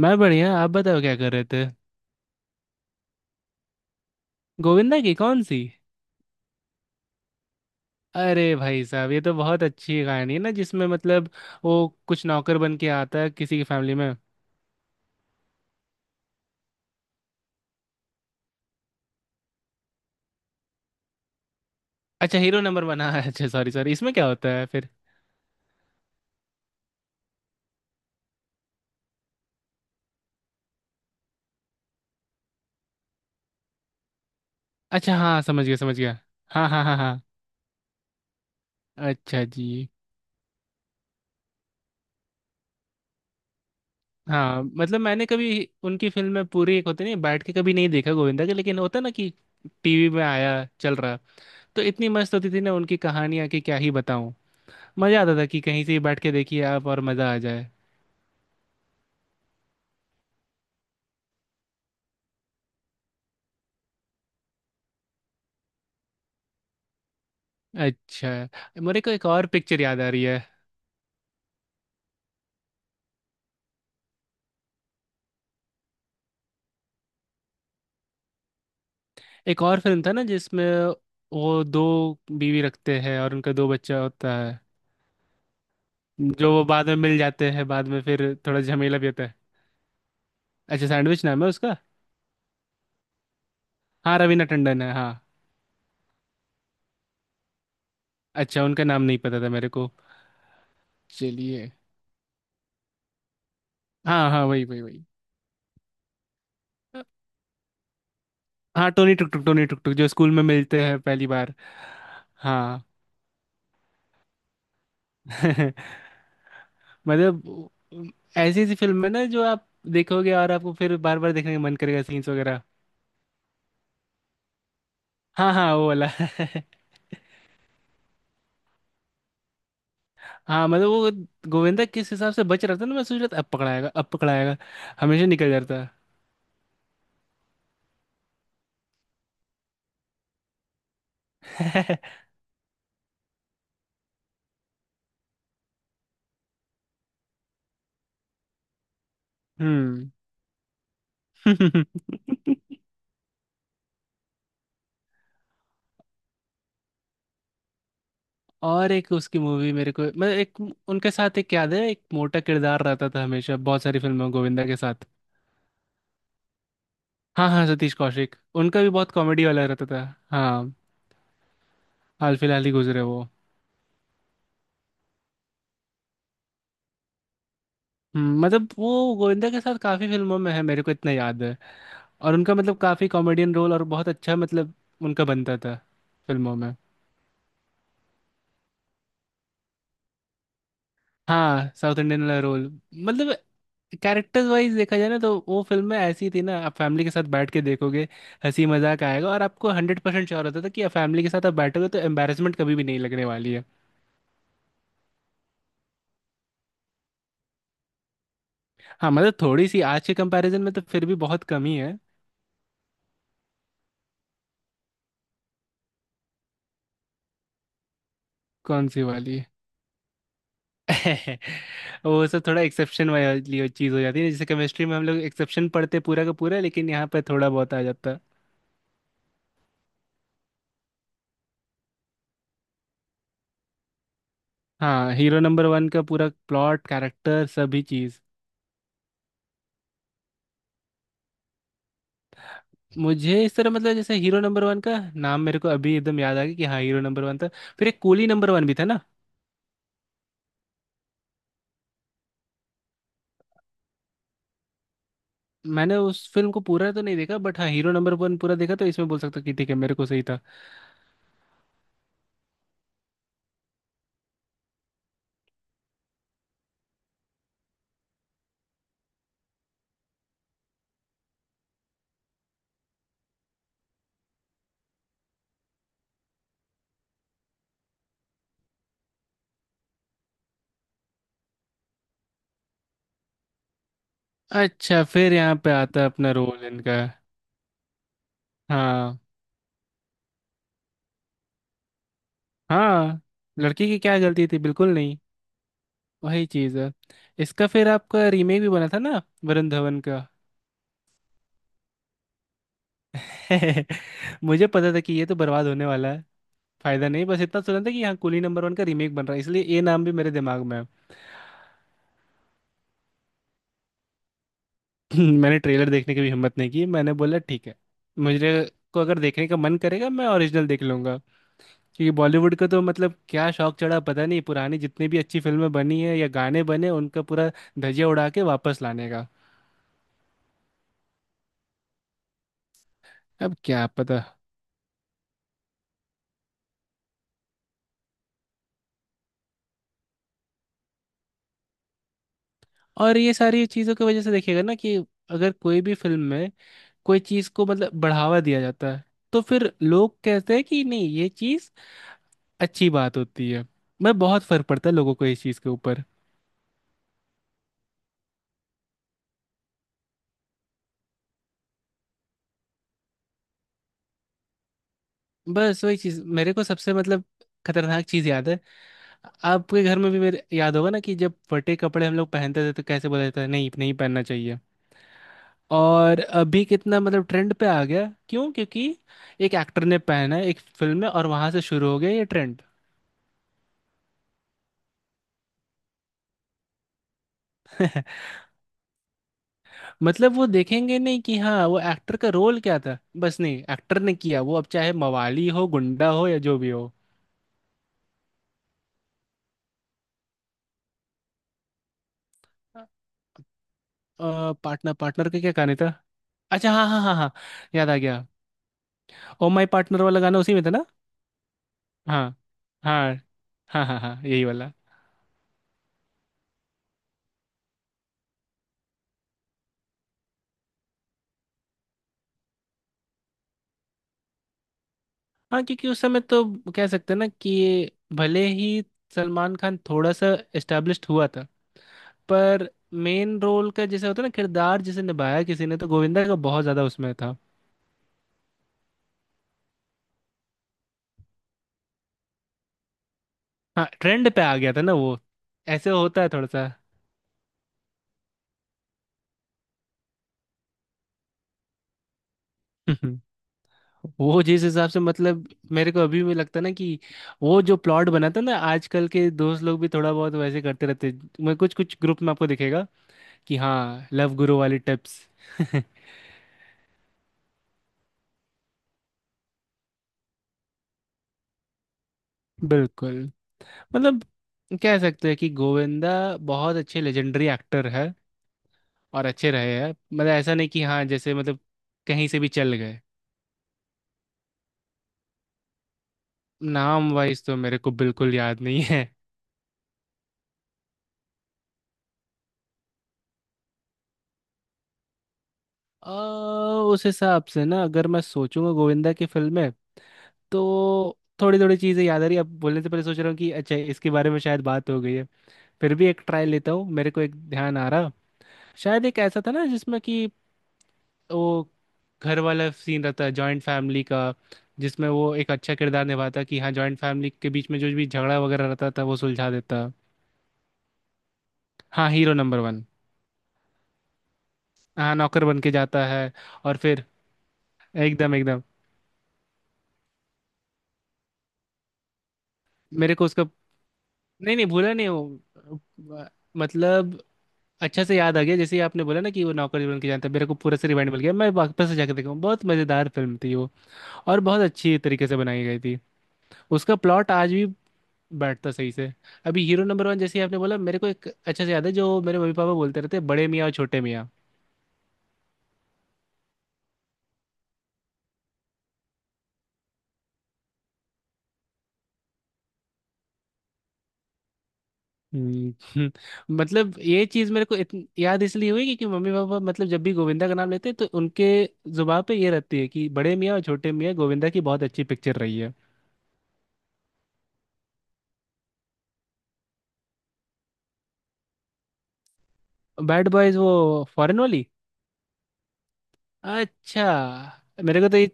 मैं बढ़िया। आप बताओ क्या कर रहे थे। गोविंदा की कौन सी? अरे भाई साहब, ये तो बहुत अच्छी कहानी है ना, जिसमें मतलब वो कुछ नौकर बन के आता है किसी की फैमिली में। अच्छा, हीरो नंबर वन। हाँ, अच्छा, सॉरी सॉरी, इसमें क्या होता है फिर? अच्छा, हाँ, समझ गया समझ गया। हाँ हाँ हाँ हाँ। अच्छा जी। हाँ, मतलब मैंने कभी उनकी फिल्म में पूरी, एक होती नहीं, बैठ के कभी नहीं देखा गोविंदा के, लेकिन होता ना कि टीवी में आया, चल रहा। तो इतनी मस्त होती थी ना उनकी कहानियाँ, कि क्या ही बताऊँ। मजा आता था कि कहीं से ही बैठ के देखिए आप, और मजा आ जाए। अच्छा, मेरे को एक और पिक्चर याद आ रही है। एक और फिल्म था ना, जिसमें वो दो बीवी रखते हैं और उनका दो बच्चा होता है। जो वो बाद में मिल जाते हैं, बाद में फिर थोड़ा झमेला भी होता है। अच्छा, सैंडविच नाम है उसका। हाँ, रवीना टंडन है, हाँ। अच्छा, उनका नाम नहीं पता था मेरे को। चलिए। हाँ हाँ, वही वही वही। हाँ, टोनी टुक टुक, टोनी टुक टुक जो स्कूल में मिलते हैं पहली बार। हाँ। मतलब ऐसी ऐसी फिल्म है ना, जो आप देखोगे और आपको फिर बार बार देखने का मन करेगा, सीन्स वगैरह। हाँ हाँ, वो वाला। हाँ, मतलब वो गोविंदा किस हिसाब से बच रहा था ना, मैं सोच रहा था अब पकड़ाएगा, अब पकड़ाएगा। हमेशा निकल जाता। हम्म। और एक उसकी मूवी, मेरे को मतलब एक, उनके साथ एक याद है, एक मोटा किरदार रहता था हमेशा बहुत सारी फिल्मों में गोविंदा के साथ। हाँ हाँ, सतीश कौशिक, उनका भी बहुत कॉमेडी वाला रहता था। हाँ। हाल फिलहाल ही गुजरे वो। मतलब वो गोविंदा के साथ काफी फिल्मों में है, मेरे को इतना याद है। और उनका मतलब काफी कॉमेडियन रोल, और बहुत अच्छा मतलब उनका बनता था फिल्मों में। हाँ, साउथ इंडियन वाला रोल, मतलब कैरेक्टर्स वाइज देखा जाए ना, तो वो फिल्में ऐसी थी ना, आप फैमिली के साथ बैठ के देखोगे, हंसी मजाक आएगा, और आपको 100% श्योर होता था कि आप फैमिली के साथ आप बैठोगे तो एम्बैरेसमेंट कभी भी नहीं लगने वाली है। हाँ, मतलब थोड़ी सी, आज के कंपैरिजन में तो फिर भी बहुत कमी है। कौन सी वाली? वो सब थोड़ा एक्सेप्शन वाली चीज़ हो जाती है, जैसे केमिस्ट्री में हम लोग एक्सेप्शन पढ़ते पूरा का पूरा, लेकिन यहाँ पे थोड़ा बहुत आ जाता है। हाँ, हीरो नंबर वन का पूरा प्लॉट, कैरेक्टर, सभी चीज़। मुझे इस तरह, मतलब जैसे हीरो नंबर वन का नाम मेरे को अभी एकदम याद आ गया कि हाँ, हीरो नंबर वन था। फिर एक कूली नंबर वन भी था ना। मैंने उस फिल्म को पूरा तो नहीं देखा बट हाँ, हीरो नंबर वन पूरा देखा, तो इसमें बोल सकता हूँ कि ठीक है, मेरे को सही था। अच्छा, फिर यहाँ पे आता है अपना रोल इनका। हाँ हाँ। लड़की की क्या गलती थी, बिल्कुल। वही चीज है। इसका फिर आपका रीमेक भी बना था ना, वरुण धवन का। मुझे पता था कि ये तो बर्बाद होने वाला है। फायदा नहीं, बस इतना सुना था कि हाँ, कूली नंबर वन का रीमेक बन रहा है, इसलिए ये नाम भी मेरे दिमाग में है। मैंने ट्रेलर देखने की भी हिम्मत नहीं की, मैंने बोला ठीक है, मुझे को अगर देखने का मन करेगा मैं ओरिजिनल देख लूंगा। क्योंकि बॉलीवुड का तो मतलब क्या शौक चढ़ा, पता नहीं, पुरानी जितनी भी अच्छी फिल्में बनी है या गाने बने, उनका पूरा धजिया उड़ा के वापस लाने का। अब क्या पता। और ये सारी चीज़ों की वजह से देखिएगा ना, कि अगर कोई भी फिल्म में कोई चीज़ को मतलब बढ़ावा दिया जाता है, तो फिर लोग कहते हैं कि नहीं, ये चीज़ अच्छी बात होती है। मैं, बहुत फर्क पड़ता है लोगों को इस चीज़ के ऊपर। बस वही चीज़ मेरे को सबसे मतलब खतरनाक चीज़ याद है। आपके घर में भी मेरे याद होगा ना, कि जब फटे कपड़े हम लोग पहनते थे तो कैसे बोला जाता है नहीं नहीं, पहनना चाहिए। और अभी कितना मतलब ट्रेंड पे आ गया, क्यों? क्योंकि एक एक्टर ने पहना है एक फिल्म में, और वहां से शुरू हो गया ये ट्रेंड। मतलब वो देखेंगे नहीं कि हाँ, वो एक्टर का रोल क्या था, बस नहीं, एक्टर ने किया, वो अब चाहे मवाली हो, गुंडा हो, या जो भी हो। पार्टनर, पार्टनर का क्या गाने था? अच्छा, हाँ हाँ हाँ हाँ, याद आ गया। ओ माय पार्टनर वाला गाना उसी में था ना। हाँ। हाँ। हाँ हाँ हाँ, यही वाला। हाँ, क्योंकि उस समय तो कह सकते हैं ना, कि भले ही सलमान खान थोड़ा सा एस्टेब्लिश्ड हुआ था, पर मेन रोल का जैसे होता है ना, किरदार जिसे निभाया किसी ने, तो गोविंदा का बहुत ज्यादा उसमें था। हाँ, ट्रेंड पे आ गया था ना वो। ऐसे होता है थोड़ा सा। वो जिस हिसाब से, मतलब मेरे को अभी भी लगता है ना, कि वो जो प्लॉट बना था ना, आजकल के दोस्त लोग भी थोड़ा बहुत वैसे करते रहते हैं। मैं कुछ कुछ ग्रुप में आपको दिखेगा कि हाँ, लव गुरु वाली टिप्स। बिल्कुल, मतलब कह सकते हैं कि गोविंदा बहुत अच्छे लेजेंडरी एक्टर है, और अच्छे रहे हैं, मतलब ऐसा नहीं कि हाँ, जैसे मतलब कहीं से भी चल गए। नाम वाइज तो मेरे को बिल्कुल याद नहीं। आ, उस हिसाब से ना, अगर मैं सोचूंगा गोविंदा की फिल्में, तो थोड़ी थोड़ी चीज़ें याद आ रही, अब बोलने से पहले सोच रहा हूँ कि अच्छा, इसके बारे में शायद बात हो गई है। फिर भी एक ट्राई लेता हूँ, मेरे को एक ध्यान आ रहा। शायद एक ऐसा था ना, जिसमें कि वो घर वाला सीन रहता है, जॉइंट फैमिली का। जिसमें वो एक अच्छा किरदार निभाता कि हाँ, जॉइंट फैमिली के बीच में जो भी झगड़ा वगैरह रहता था वो सुलझा देता। हाँ, हीरो नंबर वन। हाँ, नौकर बन के जाता है। और फिर, एकदम एकदम। मेरे को उसका, नहीं नहीं, भूला नहीं वो, मतलब अच्छा से याद आ गया जैसे ही आपने बोला ना कि वो नौकर बन के जानता है, मेरे को पूरा से रिवाइंड मिल गया, मैं वापस से जाकर देखूँ, बहुत मजेदार फिल्म थी वो। और बहुत अच्छी तरीके से बनाई गई थी। उसका प्लॉट आज भी बैठता सही से। अभी हीरो नंबर वन जैसे ही आपने बोला, मेरे को एक अच्छा से याद है, जो मेरे मम्मी पापा बोलते रहते, बड़े मियाँ और छोटे मियाँ। हम्म। मतलब ये चीज मेरे को याद इसलिए हुई क्योंकि मम्मी पापा मतलब जब भी गोविंदा का नाम लेते हैं, तो उनके जुबान पे ये रहती है कि बड़े मियाँ और छोटे मियाँ गोविंदा की बहुत अच्छी पिक्चर रही है। बैड बॉयज, वो फॉरेन वाली? अच्छा। मेरे को तो ये,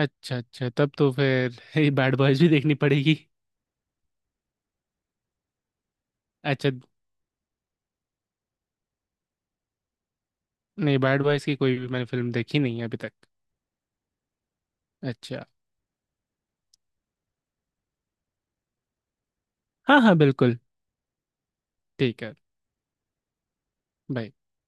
अच्छा अच्छा, तब तो फिर ये बैड बॉयज भी देखनी पड़ेगी। अच्छा। नहीं, बैड बॉयज की कोई भी मैंने फिल्म देखी नहीं है अभी तक। अच्छा। हाँ हाँ, बिल्कुल। ठीक है। बाय।